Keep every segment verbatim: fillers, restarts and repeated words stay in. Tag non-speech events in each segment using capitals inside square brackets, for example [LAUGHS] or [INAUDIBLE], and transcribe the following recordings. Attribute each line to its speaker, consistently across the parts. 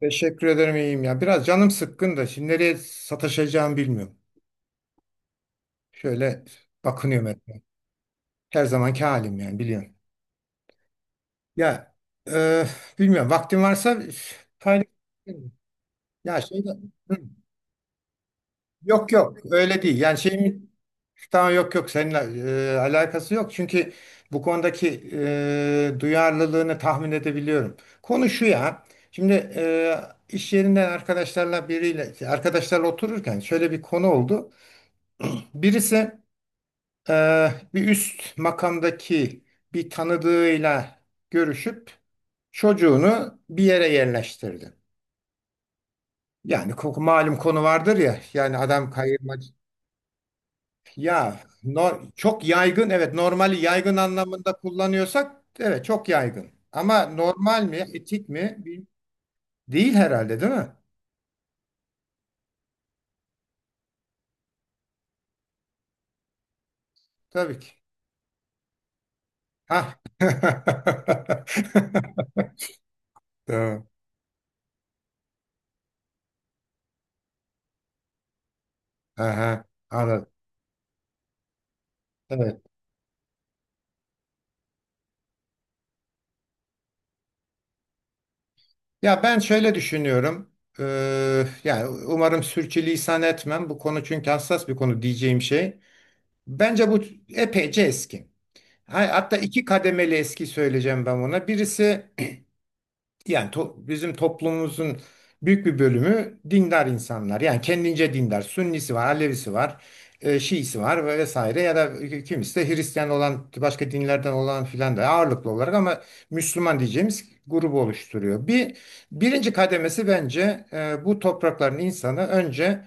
Speaker 1: Teşekkür ederim, iyiyim ya. Biraz canım sıkkın da şimdi nereye sataşacağımı bilmiyorum. Şöyle bakınıyorum etmeye. Her zamanki halim, yani biliyorum. Ya, e, bilmiyorum, vaktin varsa paylaş. Ya şeyde Hı. Yok, yok, öyle değil. Yani şeyim, tamam. Yok, yok, seninle e, alakası yok. Çünkü bu konudaki e, duyarlılığını tahmin edebiliyorum. Konu şu ya. Şimdi, e, iş yerinden arkadaşlarla biriyle arkadaşlarla otururken şöyle bir konu oldu. Birisi, e, bir üst makamdaki bir tanıdığıyla görüşüp çocuğunu bir yere yerleştirdi. Yani koku- malum konu vardır ya, yani adam kayırmacı. Ya no- çok yaygın. Evet, normali yaygın anlamında kullanıyorsak, evet, çok yaygın. Ama normal mi, etik mi? Bil- değil herhalde, değil mi? Tabii ki. Ha. [LAUGHS] Tamam. Aha, anladım. Evet. Ya ben şöyle düşünüyorum. Eee, yani umarım sürçülisan etmem. Bu konu çünkü hassas bir konu diyeceğim şey. Bence bu epeyce eski. Ha- Hatta iki kademeli eski söyleyeceğim ben buna. Birisi, yani to- bizim toplumumuzun büyük bir bölümü dindar insanlar. Yani kendince dindar. Sünnisi var, Alevisi var, e, Şiisi var ve vesaire, ya da kimisi de Hristiyan olan, başka dinlerden olan filan da ağırlıklı olarak ama Müslüman diyeceğimiz grubu oluşturuyor. Bir birinci kademesi bence e, bu toprakların insanı önce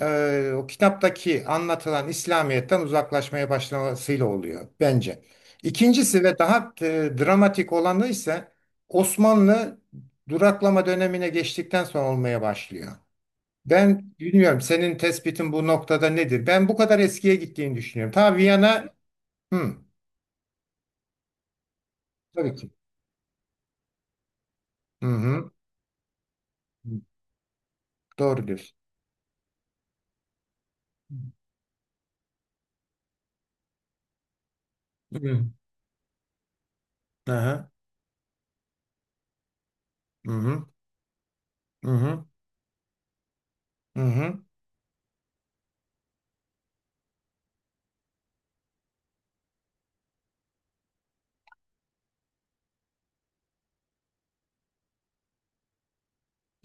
Speaker 1: e, o kitaptaki anlatılan İslamiyet'ten uzaklaşmaya başlamasıyla oluyor bence. İkincisi ve daha e, dramatik olanı ise, Osmanlı duraklama dönemine geçtikten sonra olmaya başlıyor. Ben bilmiyorum, senin tespitin bu noktada nedir? Ben bu kadar eskiye gittiğini düşünüyorum. Ta Viyana. Hı, tabii ki. Hı hı. Doğru diyorsun. Hı hı. Aha, hı hı. Hı hı. Hı hı.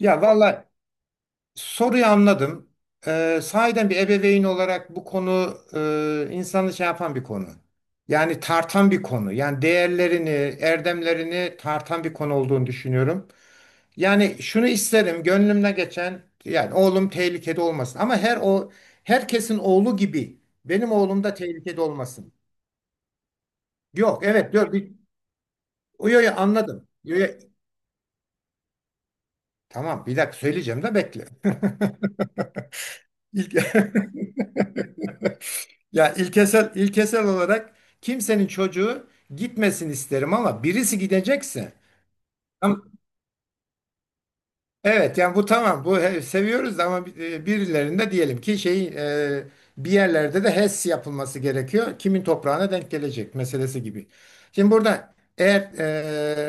Speaker 1: Ya, vallahi, soruyu anladım. Ee, sahiden bir ebeveyn olarak bu konu, e, insanı şey yapan bir konu. Yani tartan bir konu. Yani değerlerini, erdemlerini tartan bir konu olduğunu düşünüyorum. Yani şunu isterim, gönlümden geçen yani oğlum tehlikede olmasın. Ama her o herkesin oğlu gibi benim oğlum da tehlikede olmasın. Yok, evet, yok. bir- Yo, yo, anladım. Yo, yo. Tamam, bir dakika söyleyeceğim de bekle. [LAUGHS] İlk- [LAUGHS] Ya, ilkesel ilkesel olarak, kimsenin çocuğu gitmesin isterim, ama birisi gidecekse. Tam- evet, yani bu tamam, bu he- seviyoruz, ama bi- e, birilerinde diyelim ki şey, e, bir yerlerde de H E S yapılması gerekiyor. Kimin toprağına denk gelecek meselesi gibi. Şimdi burada eğer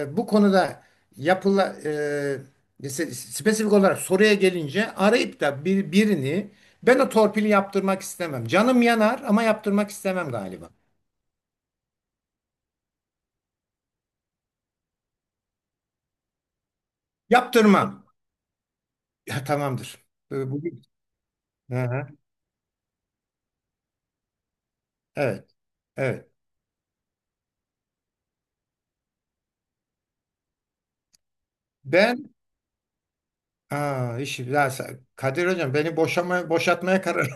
Speaker 1: e, bu konuda yapıla e, se- spesifik olarak soruya gelince, arayıp da bir, birini ben o torpili yaptırmak istemem. Canım yanar ama yaptırmak istemem galiba. Yaptırmam. Ya, tamamdır. Ee, Bugün. Hı hı. Evet. Evet. Ben, aa, işi ya sen- Kadir Hocam beni boşama boşatmaya karar.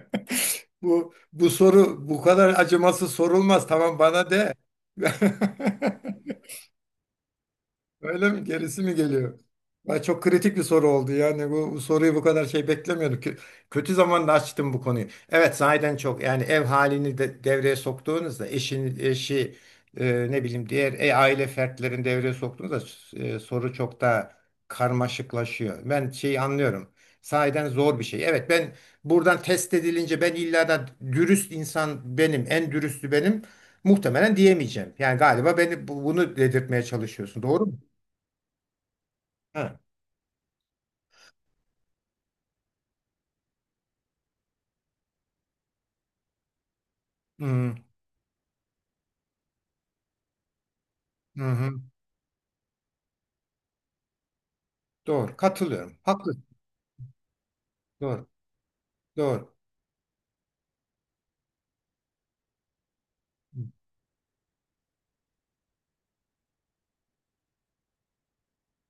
Speaker 1: [LAUGHS] Bu bu soru bu kadar acımasız sorulmaz. Tamam, bana de. [LAUGHS] Öyle mi? Gerisi mi geliyor? Ay, çok kritik bir soru oldu. Yani bu, bu soruyu bu kadar şey beklemiyorduk. Kö- Kötü zamanda açtım bu konuyu. Evet, sahiden çok, yani ev halini de devreye soktuğunuzda, eşin eşi, e, ne bileyim, diğer e, aile fertlerini devreye soktuğunuzda, e, soru çok daha karmaşıklaşıyor. Ben şeyi anlıyorum. Sahiden zor bir şey. Evet, ben buradan test edilince ben illa da dürüst insan benim, en dürüstü benim muhtemelen diyemeyeceğim. Yani galiba beni bu- bunu dedirtmeye çalışıyorsun. Doğru mu? Ha. Hı hı. Hı. Doğru. Katılıyorum. Haklı. Doğru. Doğru.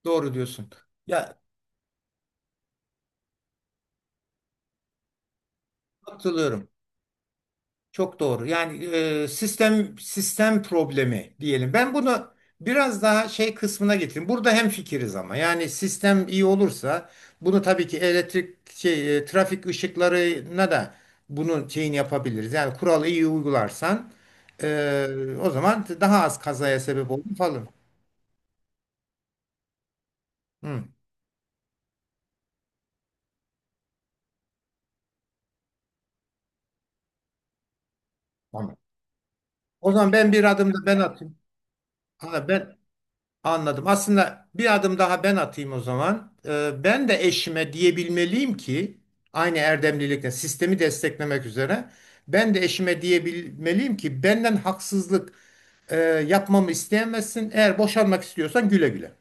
Speaker 1: Doğru diyorsun. Ya, katılıyorum. Çok doğru. Yani, e, sistem sistem problemi diyelim. Ben bunu biraz daha şey kısmına getireyim. Burada hem fikiriz ama. Yani sistem iyi olursa, bunu tabii ki elektrik şey, e, trafik ışıklarına da bunun şeyini yapabiliriz. Yani kuralı iyi uygularsan, e, o zaman daha az kazaya sebep olur falan. Hı. Tamam. O zaman ben bir adım da ben atayım. Ha, ben anladım. Aslında bir adım daha ben atayım o zaman. Ee, ben de eşime diyebilmeliyim ki, aynı erdemlilikle sistemi desteklemek üzere ben de eşime diyebilmeliyim ki benden haksızlık e, yapmamı isteyemezsin. Eğer boşanmak istiyorsan, güle güle.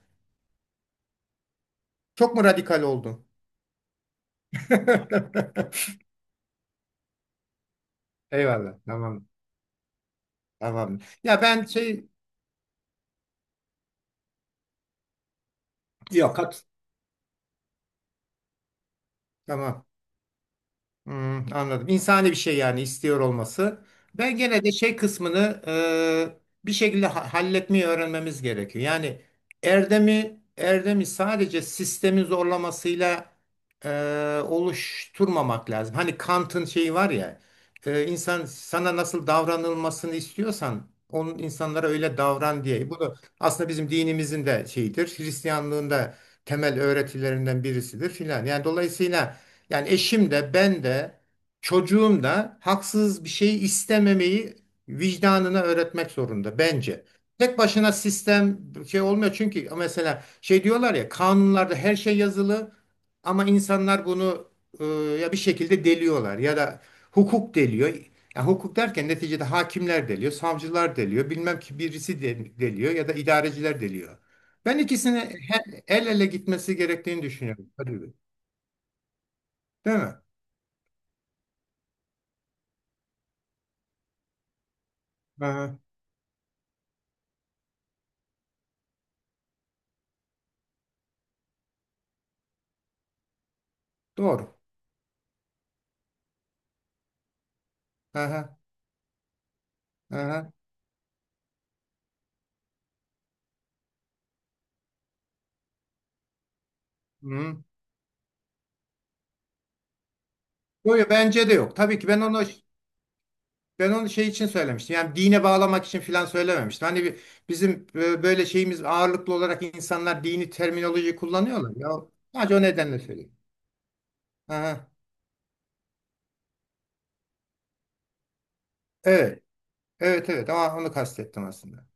Speaker 1: Çok mu radikal oldun? [LAUGHS] Eyvallah. Tamam. Tamam. Ya, ben şey yok. kat- Tamam. Hmm, anladım. İnsani bir şey, yani istiyor olması. Ben gene de şey kısmını, e, bir şekilde ha- halletmeyi öğrenmemiz gerekiyor. Yani erdemi erdemi sadece sistemin zorlamasıyla e, oluşturmamak lazım. Hani Kant'ın şeyi var ya, e, insan, sana nasıl davranılmasını istiyorsan onun insanlara öyle davran diye. Bu da aslında bizim dinimizin de şeyidir. Hristiyanlığın da temel öğretilerinden birisidir filan. Yani dolayısıyla, yani eşim de, ben de, çocuğum da haksız bir şey istememeyi vicdanına öğretmek zorunda bence. Tek başına sistem şey olmuyor, çünkü mesela şey diyorlar ya, kanunlarda her şey yazılı ama insanlar bunu e, ya bir şekilde deliyorlar ya da hukuk deliyor. Ya hukuk derken, neticede hakimler deliyor, savcılar deliyor, bilmem ki birisi de- deliyor ya da idareciler deliyor. Ben ikisini he- el ele gitmesi gerektiğini düşünüyorum. Tabii. Değil mi? Aha. Doğru. Aha, aha. Hı. Doğru, bence de yok. Tabii ki ben onu ben onu şey için söylemiştim. Yani dine bağlamak için filan söylememiştim. Hani bir, bizim e, böyle şeyimiz, ağırlıklı olarak insanlar dini terminoloji kullanıyorlar ya. Sadece o nedenle söyleyeyim. Aha. Evet. Evet, evet, ama onu kastettim aslında.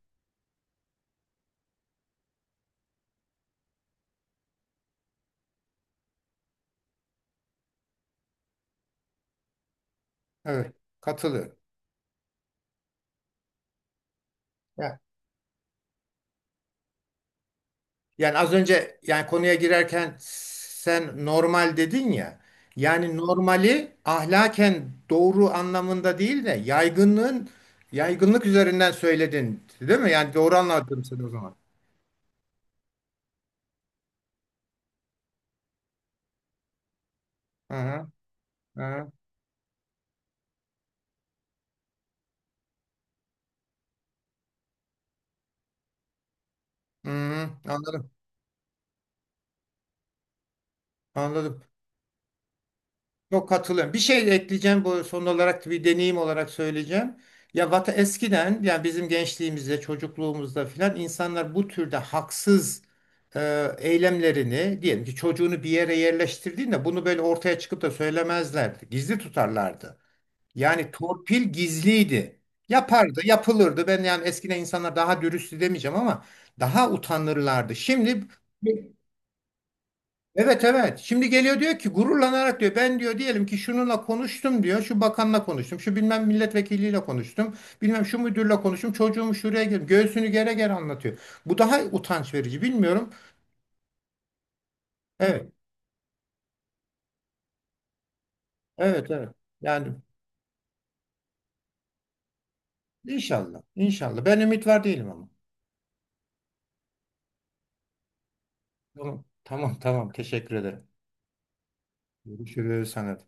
Speaker 1: Evet. Katılıyorum. Ya. Yani az önce, yani konuya girerken sen normal dedin ya. Yani normali ahlaken doğru anlamında değil de yaygınlığın yaygınlık üzerinden söyledin, değil mi? Yani doğru anladım seni o zaman. Hı hı, hı hı, hı hı, anladım. Anladım. Çok katılıyorum. Bir şey de ekleyeceğim, bu son olarak bir deneyim olarak söyleyeceğim. Ya, vata eskiden, yani bizim gençliğimizde, çocukluğumuzda filan, insanlar bu türde haksız e, eylemlerini, diyelim ki çocuğunu bir yere yerleştirdiğinde, bunu böyle ortaya çıkıp da söylemezlerdi. Gizli tutarlardı. Yani torpil gizliydi. Yapardı, yapılırdı. Ben, yani eskiden insanlar daha dürüsttü demeyeceğim ama daha utanırlardı. Şimdi. Evet, evet. Şimdi geliyor, diyor ki gururlanarak, diyor ben, diyor, diyelim ki şununla konuştum, diyor. Şu bakanla konuştum. Şu bilmem milletvekiliyle konuştum. Bilmem şu müdürle konuştum. Çocuğumu şuraya girdim. Göğsünü gere gere anlatıyor. Bu daha utanç verici, bilmiyorum. Evet. Evet, evet. Yani. İnşallah. İnşallah. Ben ümit var değilim ama. Tamam, tamam, tamam. Teşekkür ederim. Görüşürüz sana.